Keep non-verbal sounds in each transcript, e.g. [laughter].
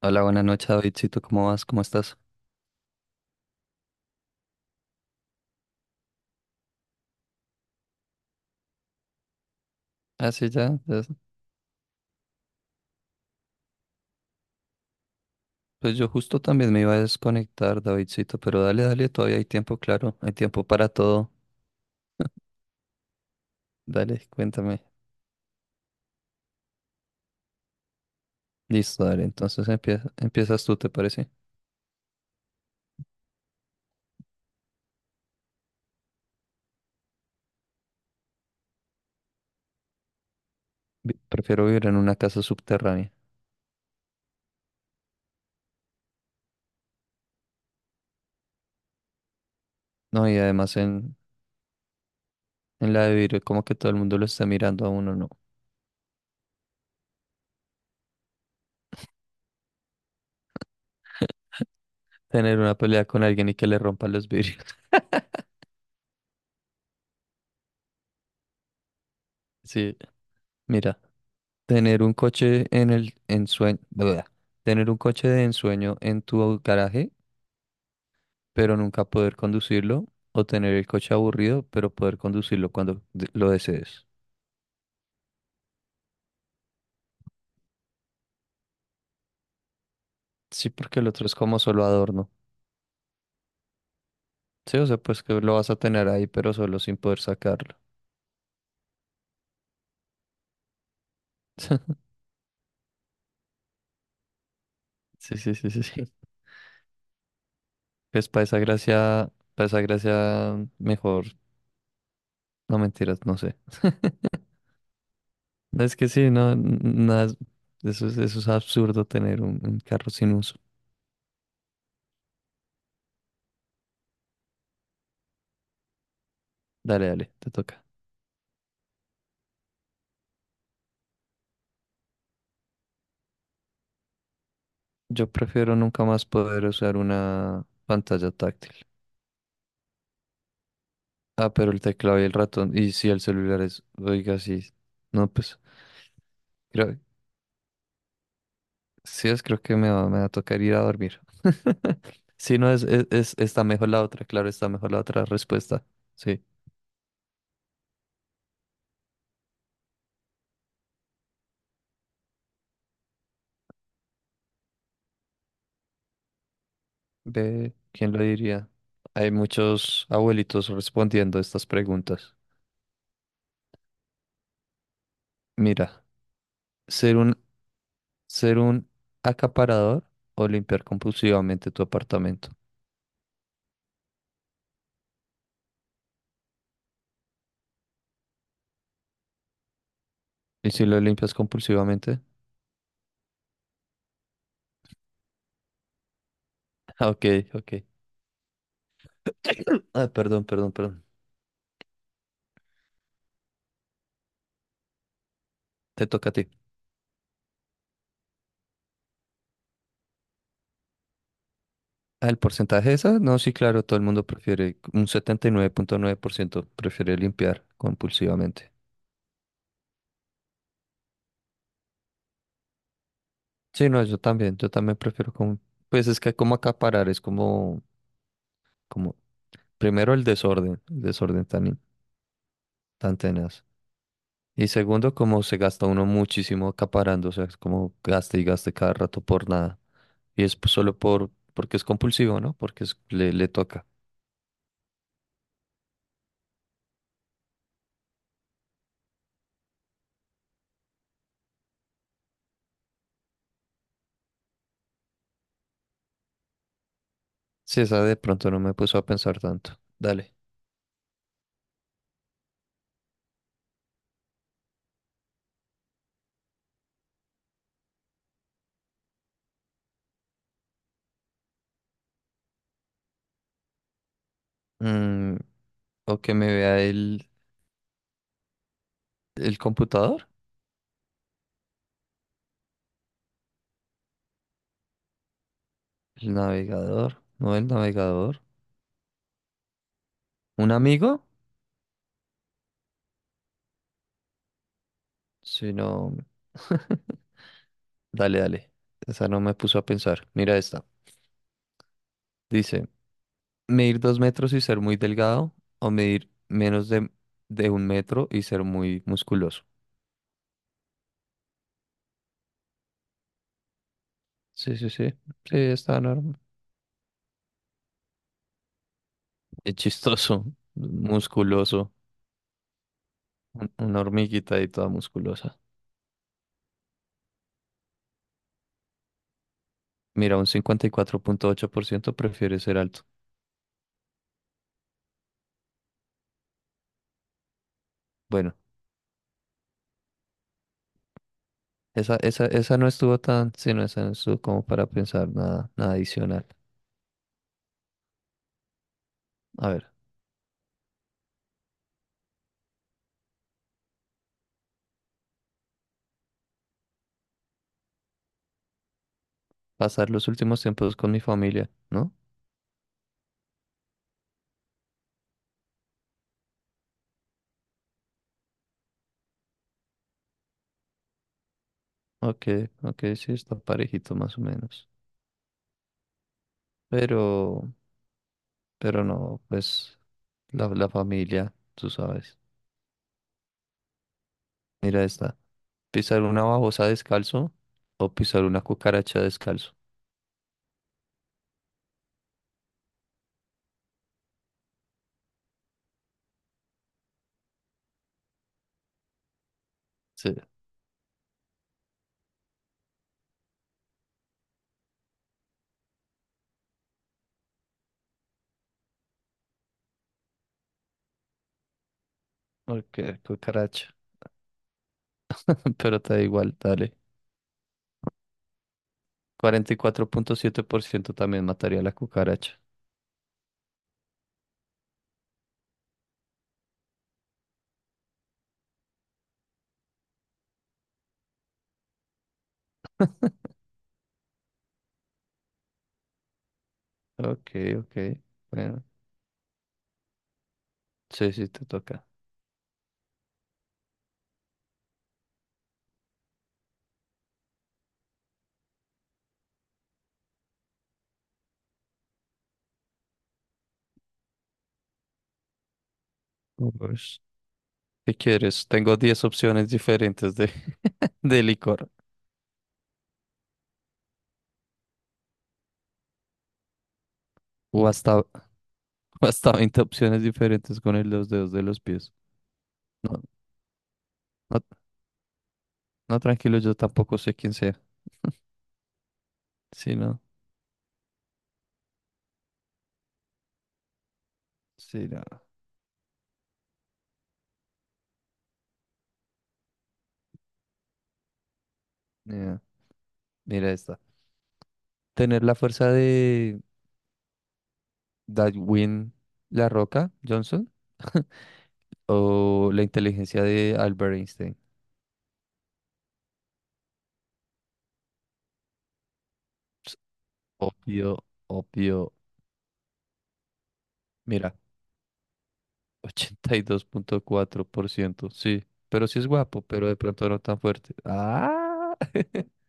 Hola, buenas noches, Davidcito. ¿Cómo vas? ¿Cómo estás? Ah, sí, ya. Ya. Pues yo justo también me iba a desconectar, Davidcito, pero dale, dale, todavía hay tiempo, claro. Hay tiempo para todo. Dale, cuéntame. Listo, dale. Entonces empieza, empiezas tú, ¿te parece? Prefiero vivir en una casa subterránea. No, y además en la de vidrio, como que todo el mundo lo está mirando a uno, ¿no? Tener una pelea con alguien y que le rompan los vidrios. [laughs] Sí, mira, tener un coche en el ensueño, tener un coche de ensueño en tu garaje, pero nunca poder conducirlo, o tener el coche aburrido, pero poder conducirlo cuando lo desees. Sí, porque el otro es como solo adorno. Sí, o sea, pues que lo vas a tener ahí, pero solo sin poder sacarlo. [laughs] Sí, sí, sí, sí, sí. Pues para esa gracia, mejor, no mentiras, no sé. No, es que sí, no, nada, eso es absurdo tener un carro sin uso. Dale, dale, te toca. Yo prefiero nunca más poder usar una pantalla táctil. Ah, pero el teclado y el ratón. Y sí, el celular es. Oiga, sí. No, pues. Creo, sí, es, creo que me va a tocar ir a dormir. [laughs] Sí, no, es, está mejor la otra, claro, está mejor la otra respuesta. Sí. Ve, ¿quién lo diría? Hay muchos abuelitos respondiendo estas preguntas. Mira, ser un, ser un acaparador o limpiar compulsivamente tu apartamento. ¿Y si lo limpias compulsivamente? [laughs] Ah, ok, ok. Ah, perdón, perdón, perdón. Te toca a ti. Ah, el porcentaje de esas, no, sí, claro, todo el mundo prefiere, un 79.9% prefiere limpiar compulsivamente. Sí, no, yo también prefiero como, pues es que como acaparar, es como, primero el desorden tan tenaz. Y segundo, como se gasta uno muchísimo acaparando, o sea, es como gaste y gaste cada rato por nada. Y es pues solo por, porque es compulsivo, ¿no? Porque le toca. Sí, esa de pronto no me puso a pensar tanto. Dale. Mm, o que me vea el. ¿El computador? ¿El navegador? No, el navegador. ¿Un amigo? Si no... [laughs] Dale, dale. Esa no me puso a pensar. Mira esta. Dice, medir 2 metros y ser muy delgado o medir menos de 1 metro y ser muy musculoso. Sí, sí, sí. Sí, está normal. Es chistoso. Musculoso. Una hormiguita y toda musculosa. Mira, un 54.8% prefiere ser alto. Bueno. Esa no estuvo tan, sí, no, esa no estuvo como para pensar nada, nada adicional. A ver, pasar los últimos tiempos con mi familia, ¿no? Ok, ok, sí, está parejito más o menos. Pero, pero no, pues, la familia, tú sabes. Mira esta. ¿Pisar una babosa descalzo o pisar una cucaracha descalzo? Sí, ok, cucaracha. [laughs] Pero te da igual, dale. 44.7% también mataría a la cucaracha. Ok, ok. Bueno, sí, sí, te toca. Ush. ¿Qué quieres, tengo 10 opciones diferentes de, [laughs] de licor? O hasta 20 opciones diferentes con los dedos de los pies. No, no, no, tranquilo, yo tampoco sé quién sea. Sí, no. Sí, no. Mira, mira esta. Tener la fuerza de Dwayne La Roca Johnson [laughs] o la inteligencia de Albert Einstein. Ps, obvio, obvio. Mira, 82.4% sí. Pero sí es guapo, pero de pronto no tan fuerte. Ah, [laughs]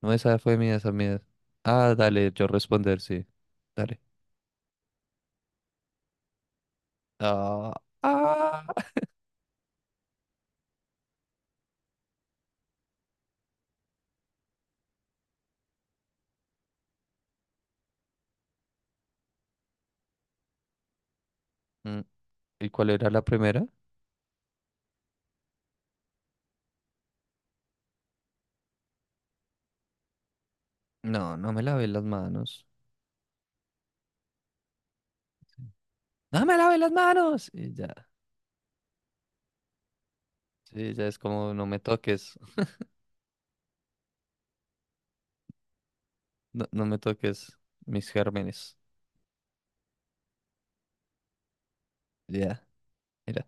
no, esa fue mía, esa mía. Ah, dale, yo responder, sí. Dale. Ah, ah. Mm, ¿y cuál era la primera? No, no me lavé las manos. No me lavé las manos. Y ya. Sí, ya es como no me toques. [laughs] No, no me toques mis gérmenes. Ya, mira.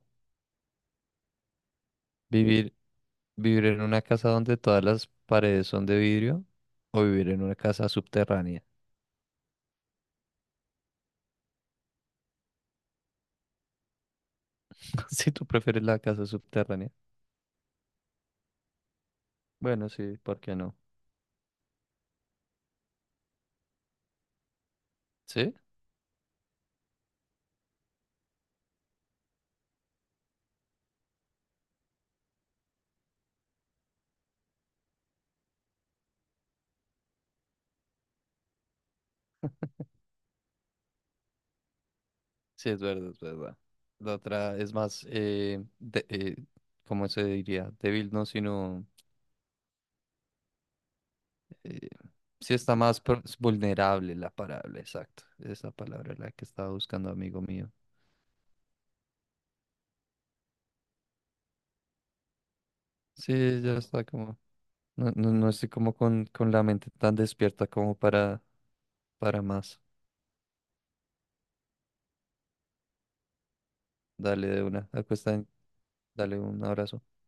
Vivir. ¿Vivir en una casa donde todas las paredes son de vidrio o vivir en una casa subterránea? [laughs] Si tú prefieres la casa subterránea. Bueno, sí, ¿por qué no? ¿Sí? Sí, es verdad, es verdad. La otra es más, ¿cómo se diría? Débil, no, sino... eh, sí está más es vulnerable la palabra, exacto. Esa palabra es la que estaba buscando, amigo mío. Sí, ya está como... No, no, no estoy como con la mente tan despierta como para más. Dale de una. Acá está. Dale un abrazo.